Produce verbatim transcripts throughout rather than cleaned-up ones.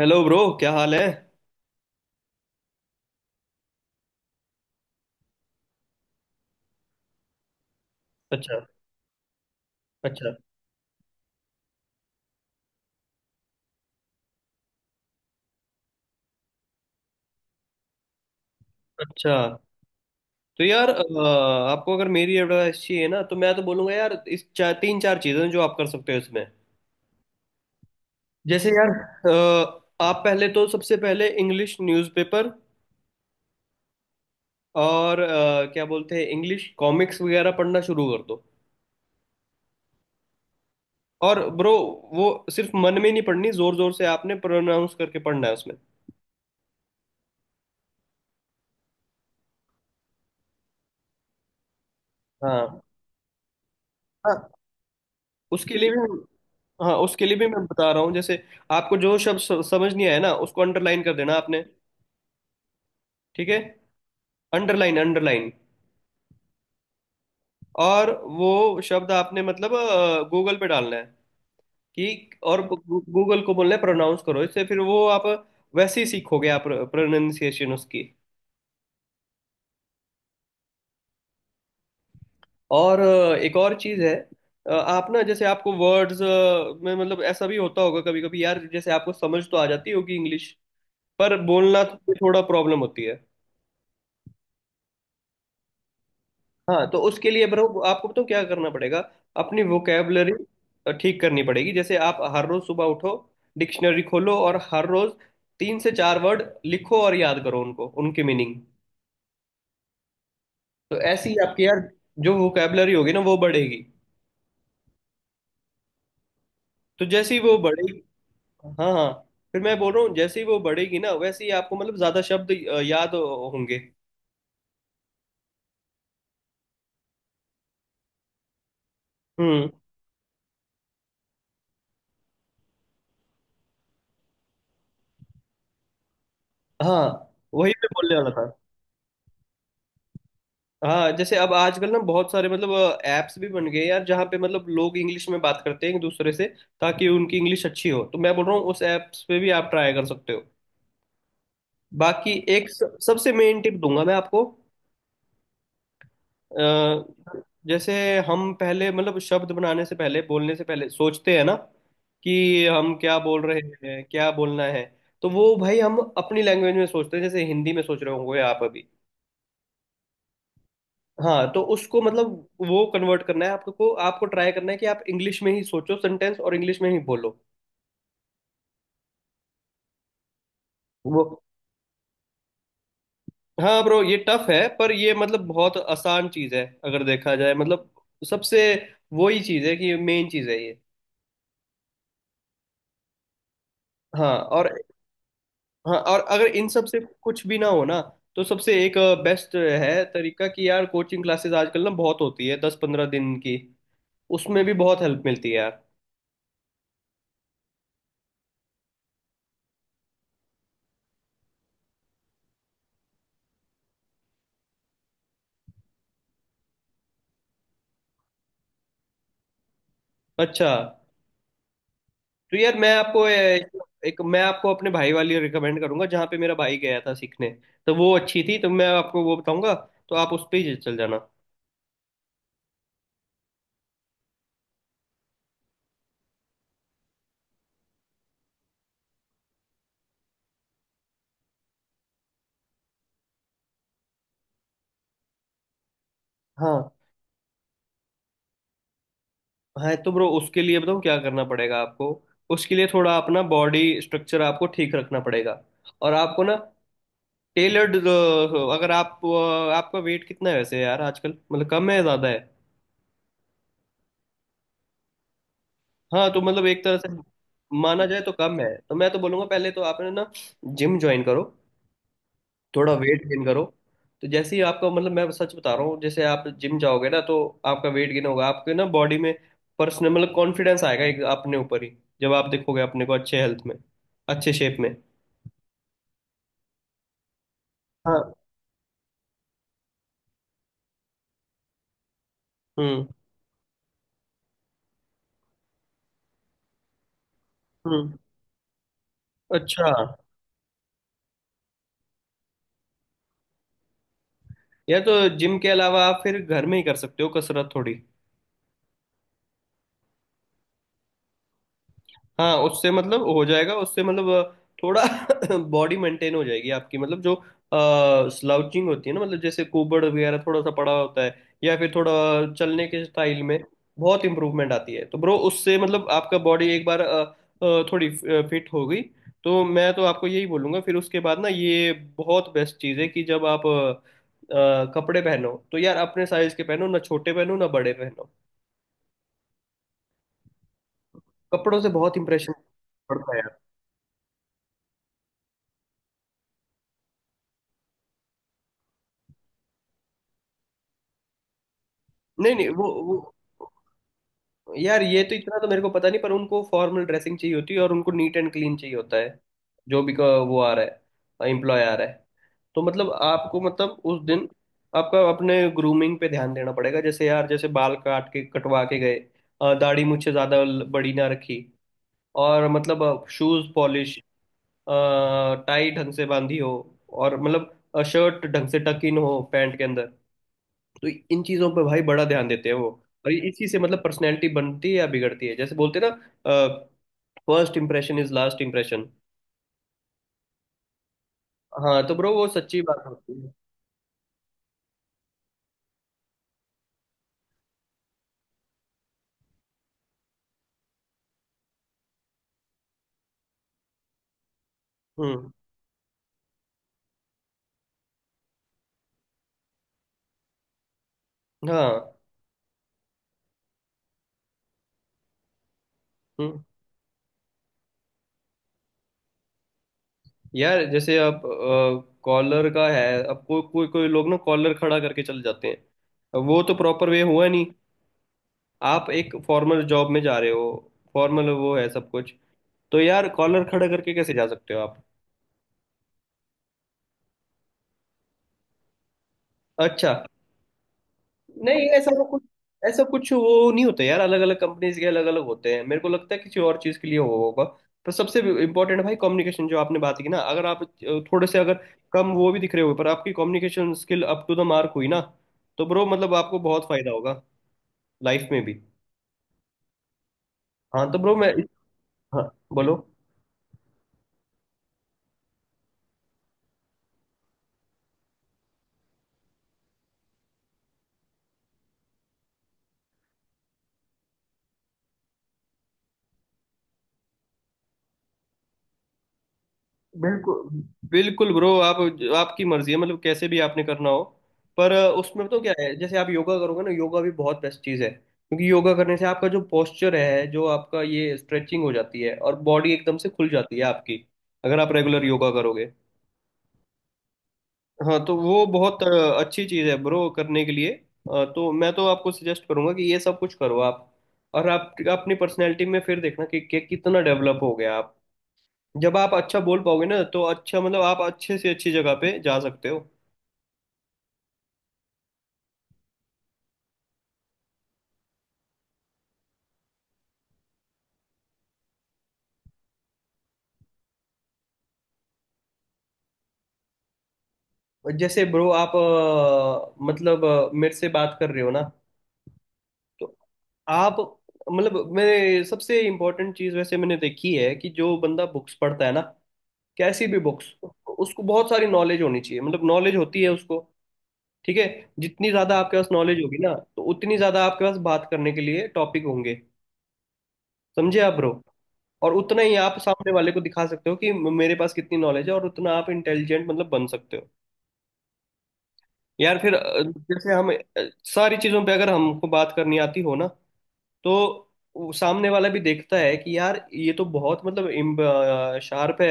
Hello bro, क्या हाल है। अच्छा। अच्छा। अच्छा। तो यार अ, आपको अगर मेरी एडवाइस चाहिए ना तो मैं तो बोलूंगा यार इस चार तीन चार चीजें हैं जो आप कर सकते हो इसमें। जैसे यार अ, आप पहले तो सबसे पहले इंग्लिश न्यूज़पेपर और अ, क्या बोलते हैं इंग्लिश कॉमिक्स वगैरह पढ़ना शुरू कर दो। और ब्रो वो सिर्फ मन में नहीं पढ़नी, जोर जोर से आपने प्रोनाउंस करके पढ़ना है उसमें। हाँ, हाँ, उसके लिए भी। हाँ उसके लिए भी मैं बता रहा हूँ। जैसे आपको जो शब्द स- समझ नहीं आया ना, उसको अंडरलाइन कर देना आपने। ठीक है, अंडरलाइन, अंडरलाइन। और वो शब्द आपने मतलब गूगल पे डालना है कि, और गूगल को बोलना है प्रोनाउंस करो इससे, फिर वो आप वैसे ही सीखोगे आप, प्रोनाउंसिएशन उसकी। और अ, एक और चीज़ है। अ, आप ना जैसे आपको वर्ड्स में मतलब ऐसा भी होता होगा कभी कभी यार, जैसे आपको समझ तो आ जाती होगी इंग्लिश, पर बोलना तो थोड़ा प्रॉब्लम होती है। हाँ तो उसके लिए ब्रो आपको तो क्या करना पड़ेगा, अपनी वोकेबलरी ठीक करनी पड़ेगी। जैसे आप हर रोज सुबह उठो, डिक्शनरी खोलो और हर रोज तीन से चार वर्ड लिखो और याद करो उनको, उनकी मीनिंग। तो ऐसी ही आपकी यार जो वोकेबलरी होगी ना, वो बढ़ेगी। तो जैसे ही वो बढ़ेगी, हाँ, हाँ, फिर मैं बोल रहा हूँ जैसे ही वो बढ़ेगी ना, वैसे ही आपको मतलब ज्यादा शब्द अ, याद होंगे। हम्म। हाँ वही मैं बोलने वाला था। हाँ जैसे अब आजकल ना बहुत सारे मतलब ऐप्स भी बन गए यार, जहाँ पे मतलब लोग इंग्लिश में बात करते हैं एक दूसरे से, ताकि उनकी इंग्लिश अच्छी हो। तो मैं बोल रहा हूँ उस ऐप्स पे भी आप ट्राई कर सकते हो। बाकी एक स- सबसे मेन टिप दूंगा मैं आपको। अ, जैसे हम पहले मतलब शब्द बनाने से पहले, बोलने से पहले सोचते हैं ना, कि हम क्या बोल रहे हैं, क्या बोलना है। तो वो भाई हम अपनी लैंग्वेज में सोचते हैं, जैसे हिंदी में सोच रहे होंगे आप अभी। हाँ तो उसको मतलब वो कन्वर्ट करना है आपको, आपको ट्राई करना है कि आप इंग्लिश में ही सोचो सेंटेंस और इंग्लिश में ही बोलो। वो, हाँ ब्रो ये टफ है पर ये मतलब बहुत आसान चीज है अगर देखा जाए। मतलब सबसे वही चीज है कि मेन चीज है ये। हाँ और, हाँ और अगर इन सब से कुछ भी ना हो ना, तो सबसे एक बेस्ट है तरीका कि यार कोचिंग क्लासेस आजकल ना बहुत होती है, दस पंद्रह दिन की। उसमें भी बहुत हेल्प मिलती है यार। अच्छा, तो यार मैं आपको ए, एक मैं आपको अपने भाई वाली रिकमेंड करूंगा, जहाँ पे मेरा भाई गया था सीखने, तो वो अच्छी थी, तो मैं आपको वो बताऊंगा, तो आप उस पे ही चल जाना। हाँ, हाँ तो ब्रो उसके लिए बताऊँ क्या करना पड़ेगा आपको। उसके लिए थोड़ा अपना बॉडी स्ट्रक्चर आपको ठीक रखना पड़ेगा। और आपको ना टेलर्ड, अगर आप अ, आपका वेट कितना है वैसे यार आजकल, मतलब कम है, ज़्यादा है। हाँ तो मतलब एक तरह से माना जाए तो कम है, तो मैं तो बोलूंगा पहले तो आपने ना जिम ज्वाइन करो, थोड़ा वेट गेन करो। तो जैसे ही आपका मतलब मैं सच बता रहा हूँ, जैसे आप जिम जाओगे ना, तो आपका वेट गेन होगा आपके ना बॉडी में, पर्सनल मतलब कॉन्फिडेंस आएगा एक अपने ऊपर ही, जब आप देखोगे अपने को अच्छे हेल्थ में, अच्छे शेप में। हाँ। हम्म। हम्म। अच्छा। या तो जिम के अलावा आप फिर घर में ही कर सकते हो कसरत थोड़ी। हाँ उससे मतलब हो जाएगा, उससे मतलब अ, थोड़ा बॉडी मेंटेन हो जाएगी आपकी। मतलब जो स्लाउचिंग होती है ना, मतलब जैसे कुबड़ वगैरह थोड़ा सा पड़ा होता है, या फिर थोड़ा चलने के स्टाइल में बहुत इंप्रूवमेंट आती है। तो ब्रो उससे मतलब आपका बॉडी एक बार अ, अ, थोड़ी फिट हो गई, तो मैं तो आपको यही बोलूंगा फिर उसके बाद ना, ये बहुत बेस्ट चीज़ है कि जब आप अ, अ, कपड़े पहनो तो यार अपने साइज के पहनो, ना छोटे पहनो ना बड़े पहनो। कपड़ों से बहुत इंप्रेशन पड़ता है। नहीं नहीं, वो वो यार, ये तो इतना तो मेरे को पता नहीं, पर उनको फॉर्मल ड्रेसिंग चाहिए होती है और उनको नीट एंड क्लीन चाहिए होता है। जो भी का वो आ रहा है, एम्प्लॉय आ रहा है, तो मतलब आपको मतलब उस दिन आपका अपने ग्रूमिंग पे ध्यान देना पड़ेगा। जैसे यार जैसे बाल काट के कटवा के गए, अ, दाढ़ी मुझसे ज़्यादा ल- बड़ी ना रखी, और मतलब शूज़ पॉलिश, टाई ढंग से बांधी हो, और मतलब शर्ट ढंग से टक इन हो पैंट के अंदर। तो इन चीजों पर भाई बड़ा ध्यान देते हैं वो, और इसी से मतलब पर्सनैलिटी बनती है या बिगड़ती है। जैसे बोलते हैं ना, first impression is last impression. हाँ तो ब्रो वो सच्ची बात होती है। हम्म। हाँ। हम्म। यार जैसे आप कॉलर का है, अब कोई कोई कोई लोग ना कॉलर खड़ा करके चले जाते हैं, अब वो तो प्रॉपर वे हुआ नहीं। आप एक फॉर्मल जॉब में जा रहे हो, फॉर्मल वो है सब कुछ, तो यार कॉलर खड़ा करके कैसे जा सकते हो आप। अच्छा, नहीं ऐसा तो कुछ, ऐसा कुछ वो नहीं होता यार, अलग अलग कंपनीज के अलग अलग होते हैं, मेरे को लगता है किसी और चीज के लिए हो होगा। पर सबसे इम्पोर्टेंट भाई कम्युनिकेशन, जो आपने बात की ना, अगर आप अ, थोड़े से अगर कम वो भी दिख रहे हो, पर आपकी communication skill up to the mark हुई ना, तो ब्रो मतलब आपको बहुत फायदा होगा, लाइफ में भी। हाँ तो ब्रो मैं। हाँ। बोलो। बिल्कुल, बिल्कुल ब्रो, आप, आपकी मर्जी है मतलब कैसे भी आपने करना हो। पर अ, उसमें तो क्या है, जैसे आप योगा करोगे ना, योगा भी बहुत बेस्ट चीज़ है क्योंकि योगा करने से आपका जो पोस्चर है, जो आपका ये स्ट्रेचिंग हो जाती है और बॉडी एकदम से खुल जाती है आपकी, अगर आप रेगुलर योगा करोगे। हाँ तो वो बहुत अ, अच्छी चीज़ है ब्रो करने के लिए। अ, तो मैं तो आपको सजेस्ट करूंगा कि ये सब कुछ करो आप, और आप अपनी पर्सनैलिटी में फिर देखना कि, कि, कितना डेवलप हो गया आप। जब आप अच्छा बोल पाओगे ना, तो अच्छा मतलब आप अच्छे से अच्छी जगह पे जा सकते हो। जैसे ब्रो आप अ, मतलब अ, मेरे से बात कर रहे हो ना, तो आप मतलब मेरे सबसे इम्पोर्टेंट चीज़ वैसे मैंने देखी है कि जो बंदा बुक्स पढ़ता है ना, कैसी भी बुक्स, उसको बहुत सारी नॉलेज होनी चाहिए, मतलब नॉलेज होती है उसको। ठीक है, जितनी ज़्यादा आपके पास नॉलेज होगी ना, तो उतनी ज़्यादा आपके पास बात करने के लिए टॉपिक होंगे। समझे आप ब्रो, और उतना ही आप सामने वाले को दिखा सकते हो कि म- मेरे पास कितनी नॉलेज है, और उतना आप इंटेलिजेंट मतलब बन सकते हो। यार फिर अ, जैसे हम अ, सारी चीजों पे अगर हमको बात करनी आती हो ना, तो वो सामने वाला भी देखता है कि यार ये तो बहुत मतलब शार्प है,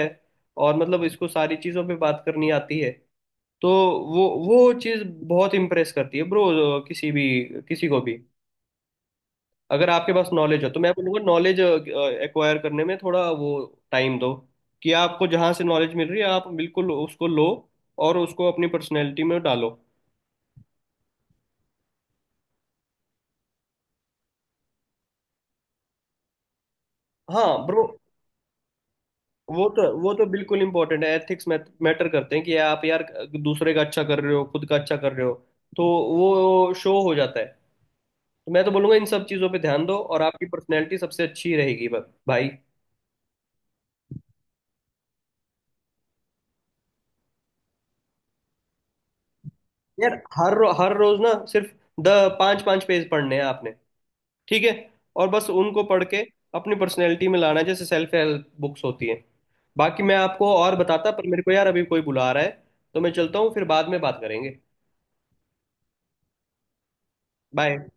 और मतलब इसको सारी चीजों पे बात करनी आती है। तो वो वो चीज बहुत इम्प्रेस करती है ब्रो किसी भी, किसी को भी। अगर आपके पास नॉलेज हो, तो मैं बोलूँगा नॉलेज एक्वायर करने में थोड़ा वो टाइम दो, कि आपको जहाँ से नॉलेज मिल रही है आप बिल्कुल उसको लो, और उसको अपनी पर्सनैलिटी में डालो। हाँ ब्रो, वो तो वो तो बिल्कुल इंपॉर्टेंट है, एथिक्स मैटर करते हैं कि आप यार दूसरे का अच्छा कर रहे हो, खुद का अच्छा कर रहे हो, तो वो शो हो जाता है। तो मैं तो बोलूँगा इन सब चीज़ों पे ध्यान दो और आपकी पर्सनैलिटी सबसे अच्छी रहेगी ब- भाई। यार हर रो, हर रोज ना सिर्फ द पाँच पाँच पेज पढ़ने हैं आपने। ठीक है, और बस उनको पढ़ के अपनी पर्सनैलिटी में लाना है, जैसे सेल्फ हेल्प बुक्स होती हैं। बाकी मैं आपको और बताता पर मेरे को यार अभी कोई बुला रहा है, तो मैं चलता हूँ, फिर बाद में बात करेंगे। बाय।